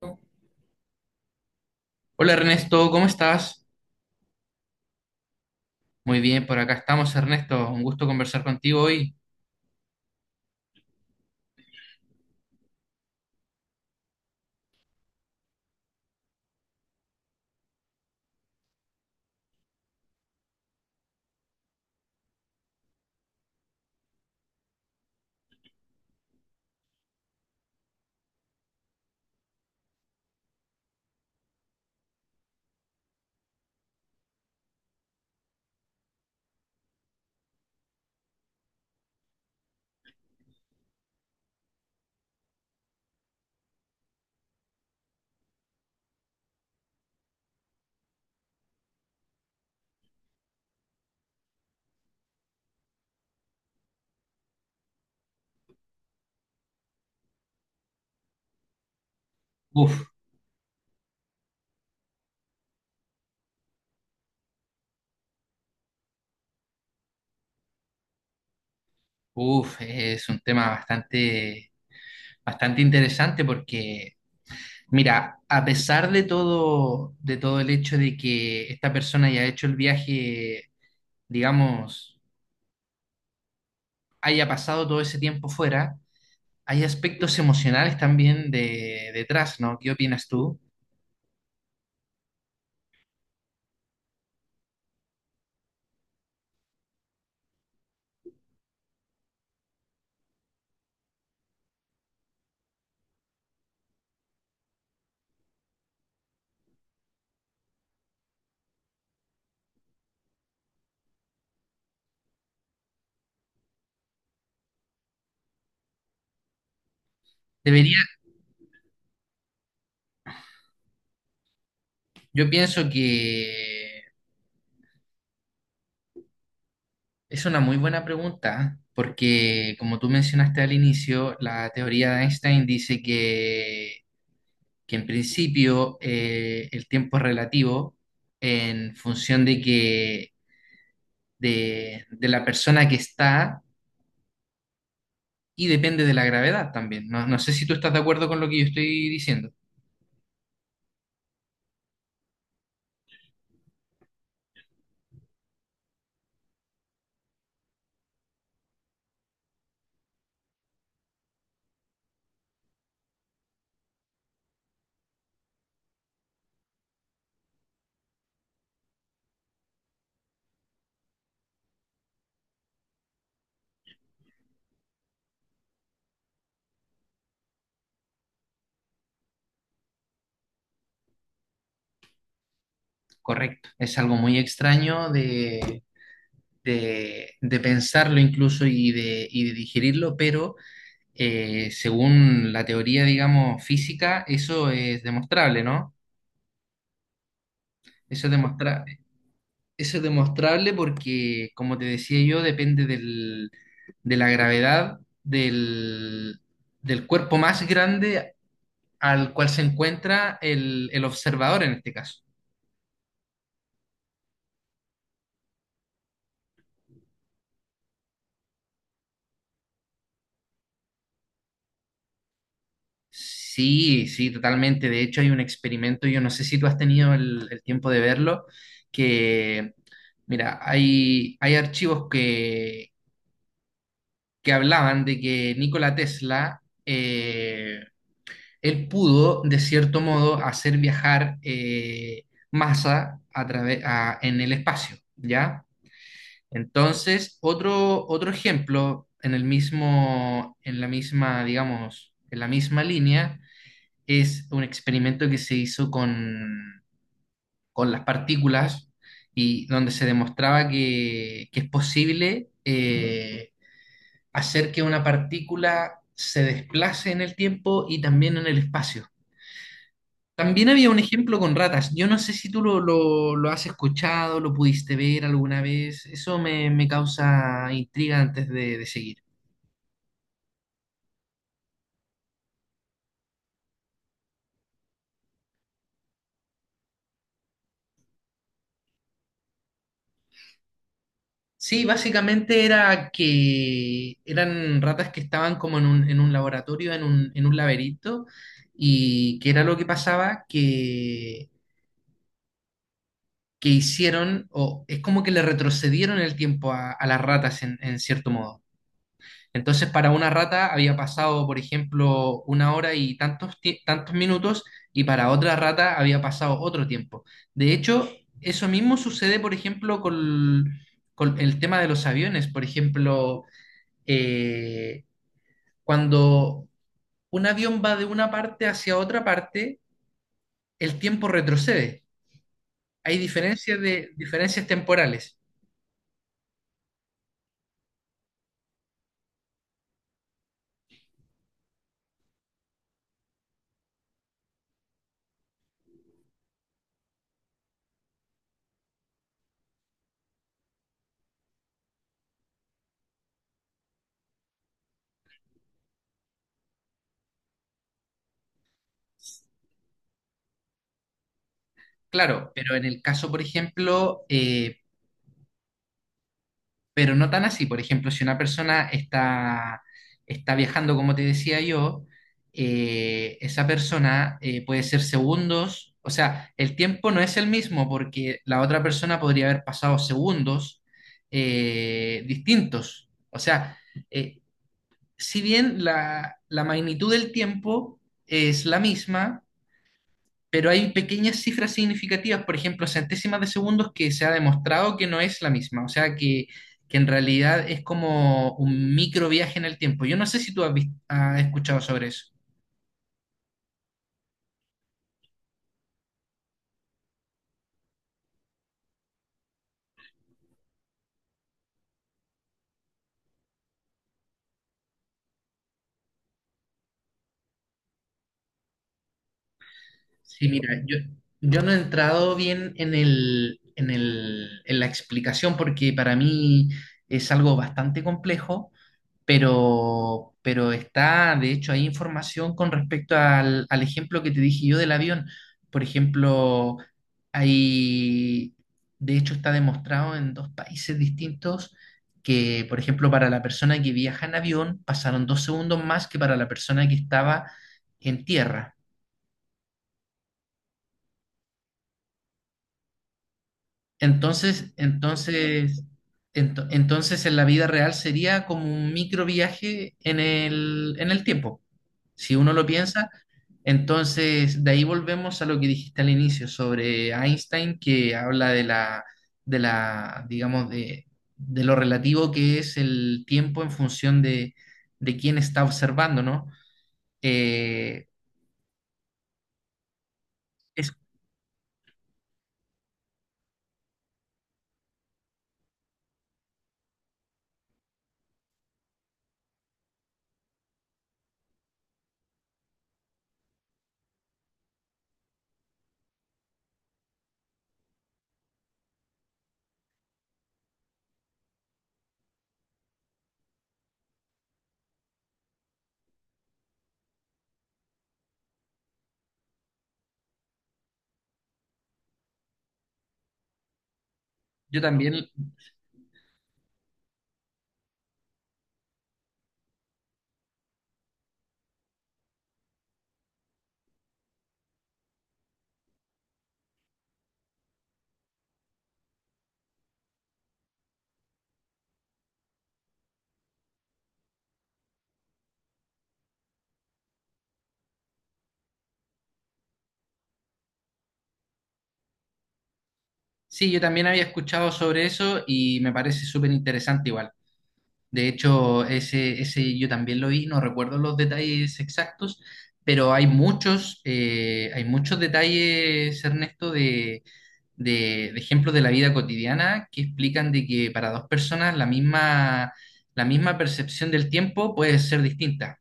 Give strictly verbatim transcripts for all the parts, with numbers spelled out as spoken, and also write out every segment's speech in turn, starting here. Hola Ernesto, ¿cómo estás? Muy bien, por acá estamos Ernesto, un gusto conversar contigo hoy. Uf, uf, es un tema bastante, bastante interesante porque, mira, a pesar de todo, de todo el hecho de que esta persona haya hecho el viaje, digamos, haya pasado todo ese tiempo fuera, hay aspectos emocionales también de, detrás, ¿no? ¿Qué opinas tú? Debería. Yo pienso que es una muy buena pregunta, porque como tú mencionaste al inicio, la teoría de Einstein dice que, que en principio eh, el tiempo es relativo en función de que de, de la persona que está y depende de la gravedad también. No, no sé si tú estás de acuerdo con lo que yo estoy diciendo. Correcto. Es algo muy extraño de, de, de pensarlo incluso y de, y de digerirlo, pero eh, según la teoría, digamos, física, eso es demostrable, ¿no? Eso es demostrable. Eso es demostrable porque, como te decía yo, depende del- de la gravedad del, del cuerpo más grande al cual se encuentra el, el observador en este caso. Sí, sí, totalmente. De hecho, hay un experimento, yo no sé si tú has tenido el, el tiempo de verlo, que, mira, hay, hay archivos que, que hablaban de que Nikola Tesla, eh, él pudo, de cierto modo, hacer viajar eh, masa a través, a- en el espacio, ¿ya? Entonces, otro, otro ejemplo en el mismo, en la misma, digamos, en la misma línea, es un experimento que se hizo con, con las partículas y donde se demostraba que, que es posible eh, hacer que una partícula se desplace en el tiempo y también en el espacio. También había un ejemplo con ratas. Yo no sé si tú lo, lo- lo has escuchado, lo pudiste ver alguna vez. Eso me, me causa intriga antes de, de seguir. Sí, básicamente era que eran ratas que estaban como en un, en un laboratorio, en un, en un laberinto, y que era lo que pasaba, que, que hicieron, o es como que le retrocedieron el tiempo a, a las ratas en en cierto modo. Entonces, para una rata había pasado, por ejemplo, una hora y tantos, ti- tantos minutos, y para otra rata había pasado otro tiempo. De hecho, eso mismo sucede, por ejemplo, con, con el tema de los aviones. Por ejemplo, eh, cuando un avión va de una parte hacia otra parte, el tiempo retrocede. Hay diferencias de, diferencias temporales. Claro, pero en el caso, por ejemplo, eh, pero no tan así. Por ejemplo, si una persona está, está viajando, como te decía yo, eh, esa persona eh, puede ser segundos, o sea, el tiempo no es el mismo porque la otra persona podría haber pasado segundos eh, distintos. O sea, eh, si bien la, la magnitud del tiempo es la misma, pero hay pequeñas cifras significativas, por ejemplo, centésimas de segundos que se ha demostrado que no es la misma, o sea que, que en realidad es como un micro viaje en el tiempo. Yo no sé si tú has, vis- has escuchado sobre eso. Sí, mira, yo, yo no he entrado bien en el, en el, en la explicación porque para mí es algo bastante complejo. Pero, pero está, de hecho, hay información con respecto al, al ejemplo que te dije yo del avión. Por ejemplo, hay, de hecho, está demostrado en dos países distintos que, por ejemplo, para la persona que viaja en avión pasaron dos segundos más que para la persona que estaba en tierra. Entonces, entonces, ento- entonces en la vida real sería como un micro viaje en el, en el tiempo. Si uno lo piensa, entonces de ahí volvemos a lo que dijiste al inicio sobre Einstein, que habla de la, de la, digamos, de, de lo relativo que es el tiempo en función de, de quién está observando, ¿no? Eh, es, yo también, sí, yo también había escuchado sobre eso y me parece súper interesante igual. De hecho, ese, ese yo también lo vi, no recuerdo los detalles exactos, pero hay muchos, eh, hay muchos detalles, Ernesto, de, de, de ejemplos de la vida cotidiana que explican de que para dos personas la misma, la misma percepción del tiempo puede ser distinta.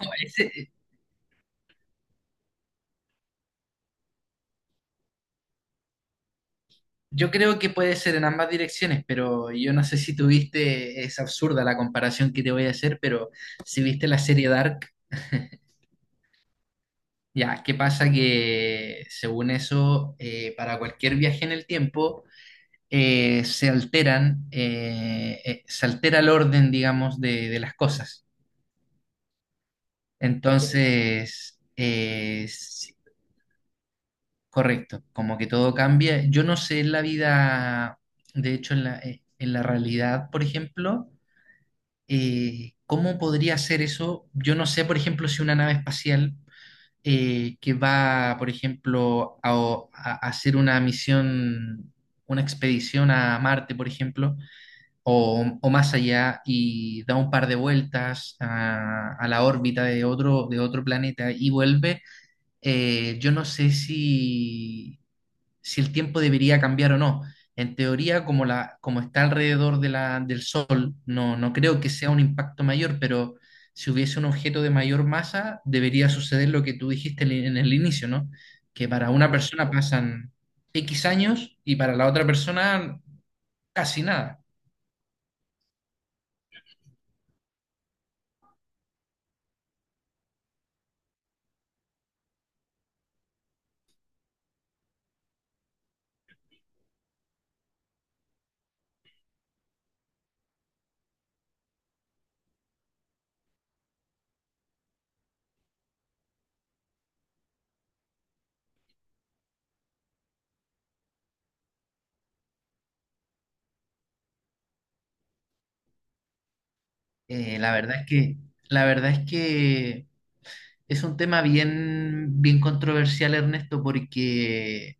No, ese- yo creo que puede ser en ambas direcciones, pero yo no sé si tuviste, es absurda la comparación que te voy a hacer, pero si viste la serie Dark. Ya, ¿qué pasa? Que según eso, eh, para cualquier viaje en el tiempo, eh, se alteran, eh, eh, se altera el orden, digamos, de, de las cosas. Entonces, eh, sí, correcto, como que todo cambia. Yo no sé en la vida, de hecho, en la, eh, en la realidad, por ejemplo, eh, ¿cómo podría ser eso? Yo no sé, por ejemplo, si una nave espacial eh, que va, por ejemplo, a, o- a- a hacer una misión, una expedición a Marte, por ejemplo, o, o más allá, y da un par de vueltas a, a la órbita de otro, de otro planeta y vuelve. Eh, yo no sé si si el tiempo debería cambiar o no. En teoría, como, la, como está alrededor de la, del Sol, no, no creo que sea un impacto mayor, pero si hubiese un objeto de mayor masa, debería suceder lo que tú dijiste en en el inicio, ¿no? Que para una persona pasan X años y para la otra persona casi nada. Eh, la verdad es que, la verdad es que es un tema bien, bien controversial, Ernesto, porque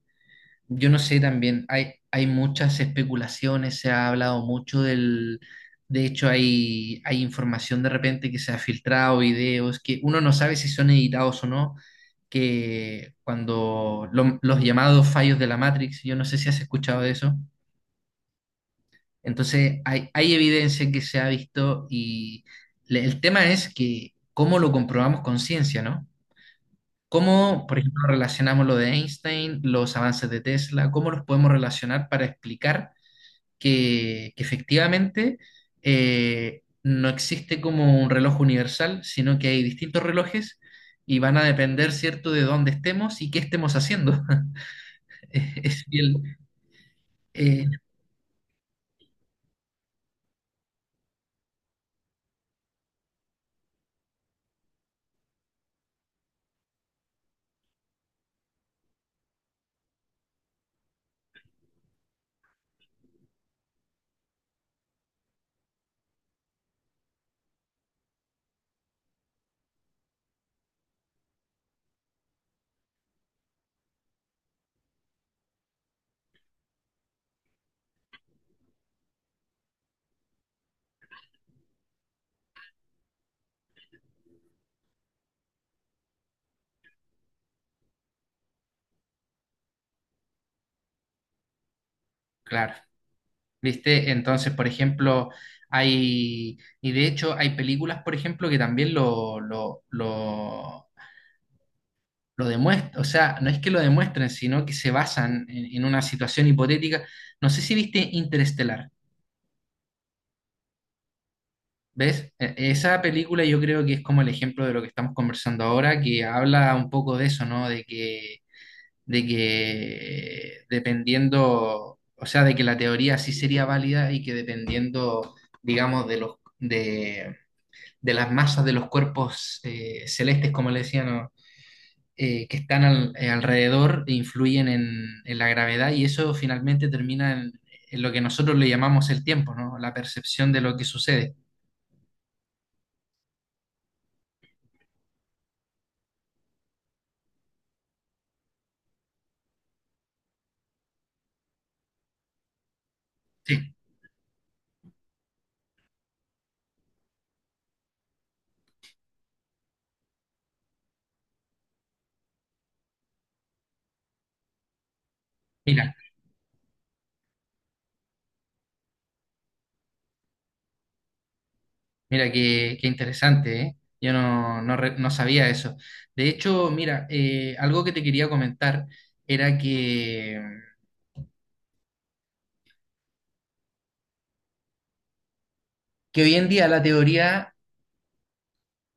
yo no sé también, hay, hay muchas especulaciones, se ha hablado mucho del, de hecho hay, hay información de repente que se ha filtrado, videos, que uno no sabe si son editados o no, que cuando lo- los llamados fallos de la Matrix, yo no sé si has escuchado de eso, entonces hay, hay evidencia que se ha visto y le- el tema es que cómo lo comprobamos con ciencia, ¿no? ¿Cómo, por ejemplo, relacionamos lo de Einstein, los avances de Tesla? ¿Cómo los podemos relacionar para explicar que, que efectivamente eh, no existe como un reloj universal, sino que hay distintos relojes y van a depender, ¿cierto?, de dónde estemos y qué estemos haciendo. Es bien, eh, claro, ¿viste? Entonces, por ejemplo, hay, y de hecho hay películas, por ejemplo, que también lo, lo, lo lo demuestran, o sea, no es que lo demuestren, sino que se basan en, en una situación hipotética. No sé si viste Interestelar, ¿ves? E- Esa película yo creo que es como el ejemplo de lo que estamos conversando ahora, que habla un poco de eso, ¿no? De que, de que dependiendo, o sea, de que la teoría sí sería válida y que dependiendo, digamos, de los... De, de las masas de los cuerpos eh, celestes, como le decían, ¿no? eh, que están al- eh, alrededor e influyen en, en la gravedad y eso finalmente termina en, en lo que nosotros le llamamos el tiempo, ¿no? La percepción de lo que sucede. Sí, mira, Mira qué, qué interesante, ¿eh? Yo no, no, re- No sabía eso. De hecho, mira, eh, algo que te quería comentar era que, que hoy en día la teoría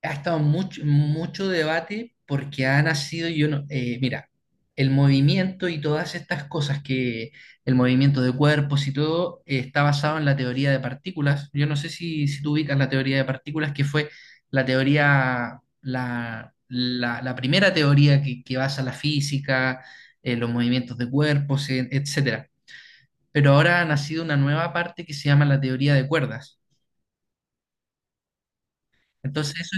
ha estado mucho, mucho debate porque ha nacido, yo no, eh, mira, el movimiento y todas estas cosas que el movimiento de cuerpos y todo eh, está basado en la teoría de partículas. Yo no sé si, si tú ubicas la teoría de partículas, que fue la teoría, la, la, la primera teoría que, que basa la física, eh, los movimientos de cuerpos, e- etcétera. Pero ahora ha nacido una nueva parte que se llama la teoría de cuerdas. Entonces, eso.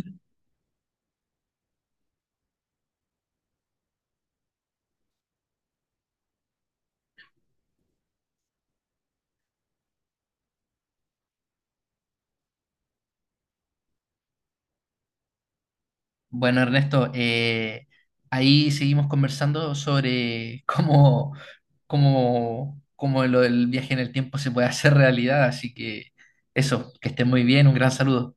Bueno, Ernesto, eh, ahí seguimos conversando sobre cómo, cómo, cómo lo del viaje en el tiempo se puede hacer realidad, así que eso, que esté muy bien, un gran saludo.